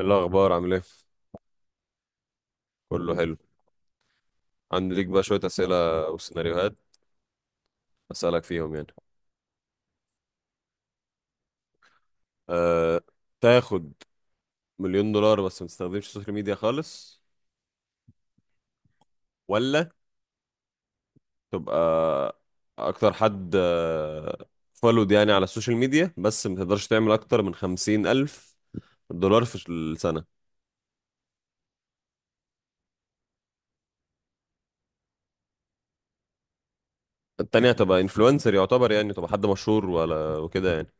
إيه الأخبار عامل إيه؟ كله حلو. عندي ليك بقى شوية أسئلة وسيناريوهات أسألك فيهم يعني. أه... تاخد مليون دولار بس ما تستخدمش السوشيال ميديا خالص، ولا تبقى أكتر حد فولود يعني على السوشيال ميديا بس ما تقدرش تعمل أكتر من خمسين ألف دولار في السنة؟ التانية هتبقى إنفلونسر يعتبر يعني، تبقى حد مشهور ولا وكده يعني.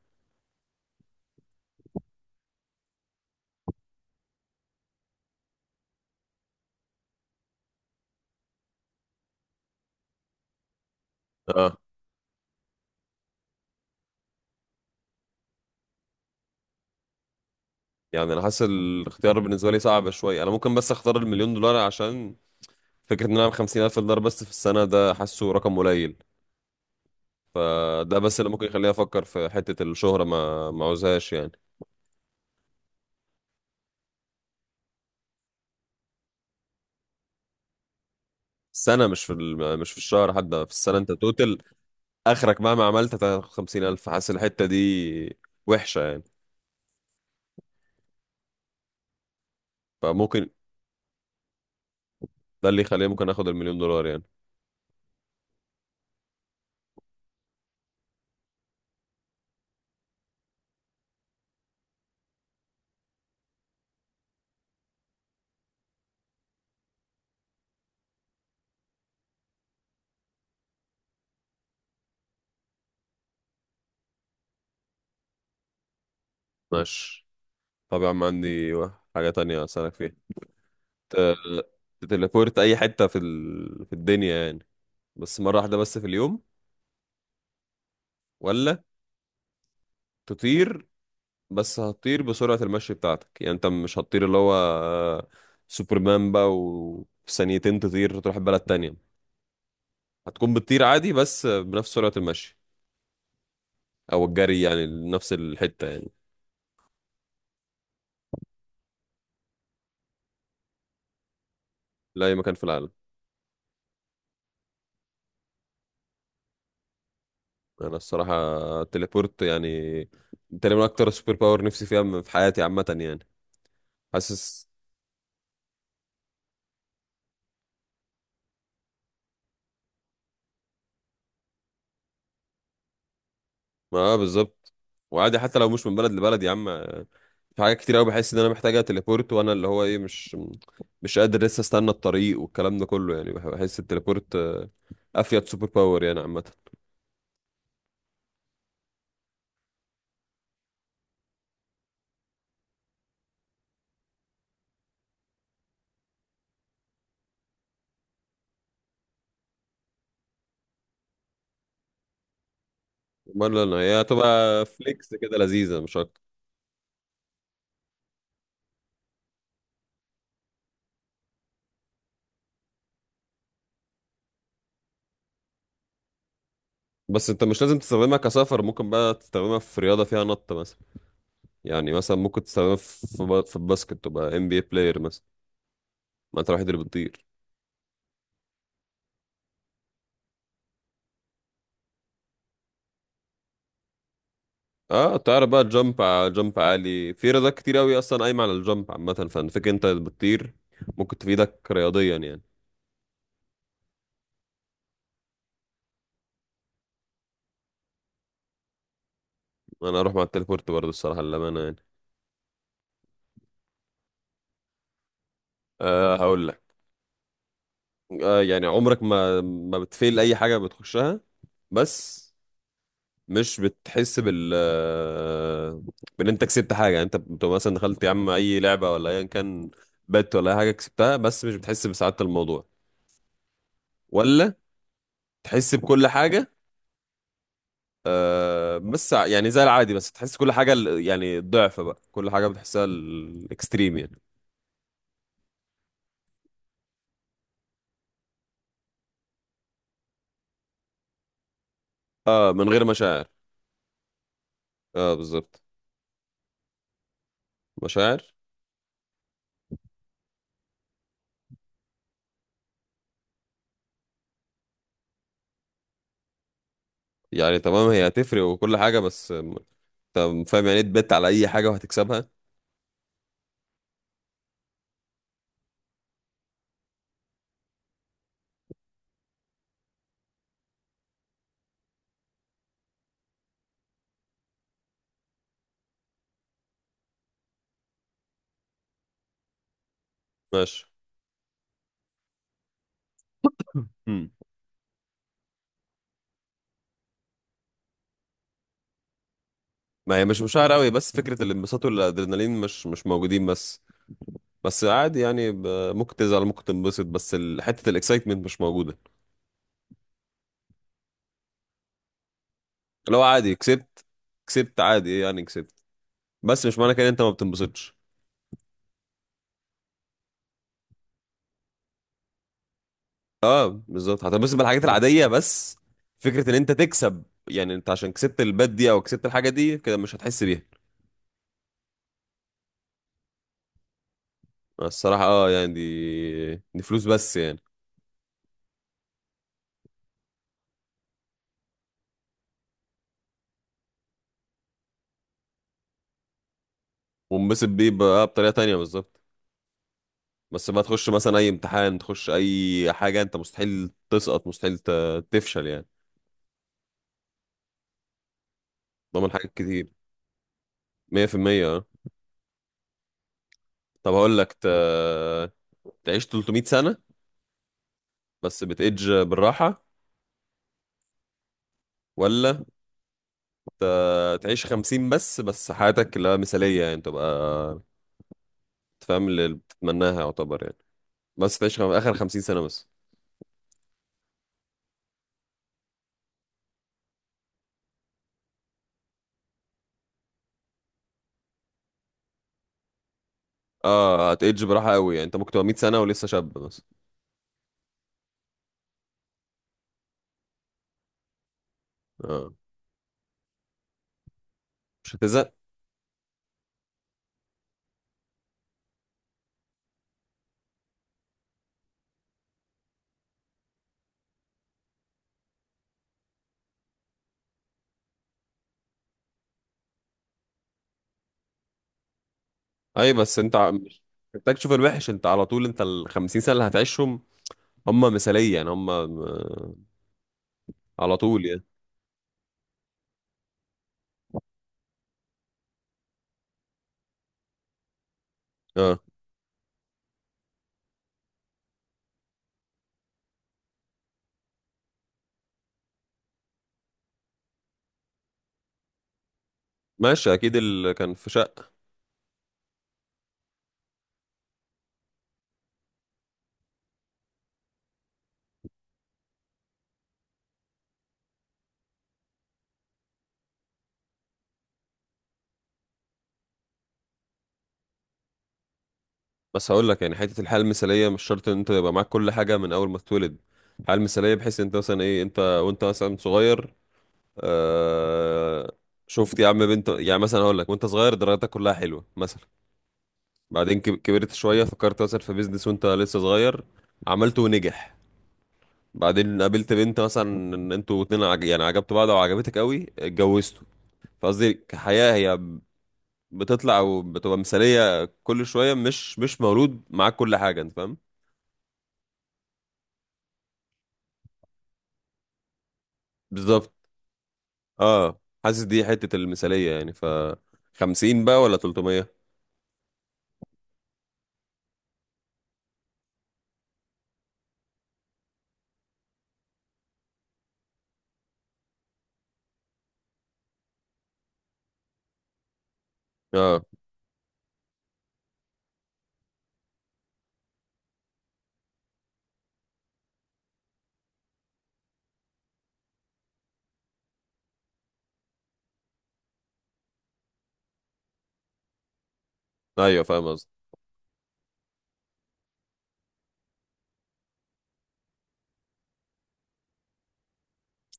اه، يعني انا حاسس الاختيار بالنسبه لي صعب شويه. انا ممكن بس اختار المليون دولار عشان فكرة ان انا اعمل $50,000 بس في السنة ده حاسه رقم قليل، فده بس اللي ممكن يخليني افكر في حتة الشهرة، ما عاوزهاش يعني. السنة، مش في مش في الشهر، حتى في السنة انت توتل اخرك مهما عملت هتاخد 50,000. حاسس الحتة دي وحشة يعني، فممكن ده اللي يخليني ممكن اخد المليون دولار يعني. ماشي، طبعا عندي حاجة تانية اسألك فيها. ت- تتليبورت اي حتة في في الدنيا يعني، بس مرة واحدة بس في اليوم، ولا تطير؟ بس هتطير بسرعة المشي بتاعتك، يعني انت مش هتطير اللي هو سوبرمان بقى وفي ثانيتين تطير تروح بلد تانية. هتكون بتطير عادي بس بنفس سرعة المشي او الجري يعني، نفس الحتة يعني. لأي مكان في العالم؟ انا الصراحة التليبورت يعني تقريبا اكتر سوبر باور نفسي فيها في حياتي عامة يعني، حاسس. ما آه بالظبط، وعادي حتى لو مش من بلد لبلد يا عم، في حاجات كتير قوي بحس ان انا محتاجه تليبورت، وانا اللي هو ايه مش قادر لسه استنى الطريق والكلام ده كله يعني. بحس التليبورت افيد سوبر باور يعني عامه. امال انا هي هتبقى فليكس كده لذيذه مش اكتر. بس انت مش لازم تستخدمها كسفر، ممكن بقى تستخدمها في رياضه فيها نط مثلا. يعني مثلا ممكن تستخدمها في في في الباسكت تبقى ام بي اي بلاير مثلا، ما انت الوحيد اللي بتطير. اه، تعرف بقى جامب؟ جامب عالي في رياضات كتير قوي اصلا قايمه على الجامب عامه، فانا فاكر انت بتطير ممكن تفيدك رياضيا يعني. انا اروح مع التليبورت برضه الصراحه للامانه يعني. أه، هقول لك. آه يعني عمرك ما بتفيل اي حاجه بتخشها بس مش بتحس بال بان انت كسبت حاجه؟ يعني انت بتبقى مثلا دخلت يا عم اي لعبه ولا ايا كان بات ولا اي حاجه كسبتها بس مش بتحس بسعاده الموضوع. ولا تحس بكل حاجه، بس يعني زي العادي، بس تحس كل حاجه يعني ضعف بقى كل حاجه بتحسها الاكستريم يعني؟ اه من غير مشاعر. اه بالظبط. مشاعر. يعني تمام، هي هتفرق وكل حاجه، بس طب فاهم يعني ايه تبت على اي حاجه وهتكسبها؟ ماشي. امم، ما هي مش مشاعر قوي، بس فكره الانبساط والادرينالين مش موجودين بس. بس عادي يعني، ممكن تزعل ممكن تنبسط، بس حته الاكسايتمنت مش موجوده. لو عادي كسبت، كسبت عادي ايه يعني كسبت، بس مش معنى كده إن انت ما بتنبسطش. اه بالظبط، هتنبسط بالحاجات العاديه، بس فكره ان انت تكسب، يعني انت عشان كسبت البات دي او كسبت الحاجه دي كده مش هتحس بيها. الصراحه اه، يعني دي دي فلوس بس يعني. وانبسط بيه بقى بطريقه تانيه بالظبط. بس ما تخش مثلا اي امتحان، تخش اي حاجه انت مستحيل تسقط، مستحيل تفشل يعني، ضمن حاجات كتير 100%. اه، طب هقول لك تعيش 300 سنه بس بتأج بالراحه، ولا ت... تعيش 50، بس بس حياتك لا مثاليه يعني، تبقى تفهم اللي بتتمناها يعتبر يعني، بس تعيش اخر 50 سنه بس؟ اه هتأج براحه قوي، يعني انت ممكن تبقى 100 سنه ولسه شاب بس. اه، مش هتزهق. اي، بس انت مش محتاج تشوف الوحش، انت على طول. انت ال 50 سنه اللي هتعيشهم هم مثالية، يعني هم م- على طول يعني. اه، ماشي اكيد اللي كان في شقة. بس هقول لك يعني، حتة الحياة المثالية مش شرط ان انت يبقى معاك كل حاجة من اول ما تتولد. الحياة المثالية بحيث انت مثلا ايه انت وانت مثلا صغير، آه، شفت يا عم بنت، يعني مثلا هقول لك وانت صغير درجاتك كلها حلوة مثلا، بعدين كبرت شوية فكرت مثلا في بيزنس وانت لسه صغير عملته ونجح، بعدين قابلت بنت مثلا، ان انتوا اتنين يعني عجبتوا بعض وعجبتك قوي اتجوزتوا. فقصدي كحياة هي بتطلع وبتبقى مثالية كل شوية، مش مولود معاك كل حاجة، انت فاهم؟ بالظبط، اه حاسس دي حتة المثالية يعني ف، 50 بقى ولا 300؟ اه، ايوه فاهم قصدي.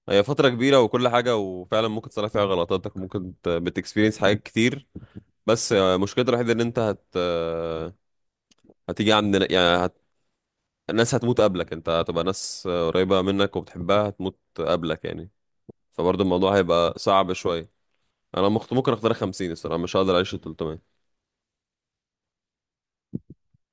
هي فترة كبيرة وكل حاجة وفعلا ممكن تصلح فيها غلطاتك، ممكن بتكسبيرينس حاجات كتير، بس مشكلتها الوحيدة ان انت هت آه، هتيجي عند يعني هت... الناس هتموت قبلك، انت هتبقى ناس قريبة منك وبتحبها هتموت قبلك يعني، فبرضه الموضوع هيبقى صعب شوية. انا ممكن اختار 50 الصراحة، مش هقدر اعيش ال 300.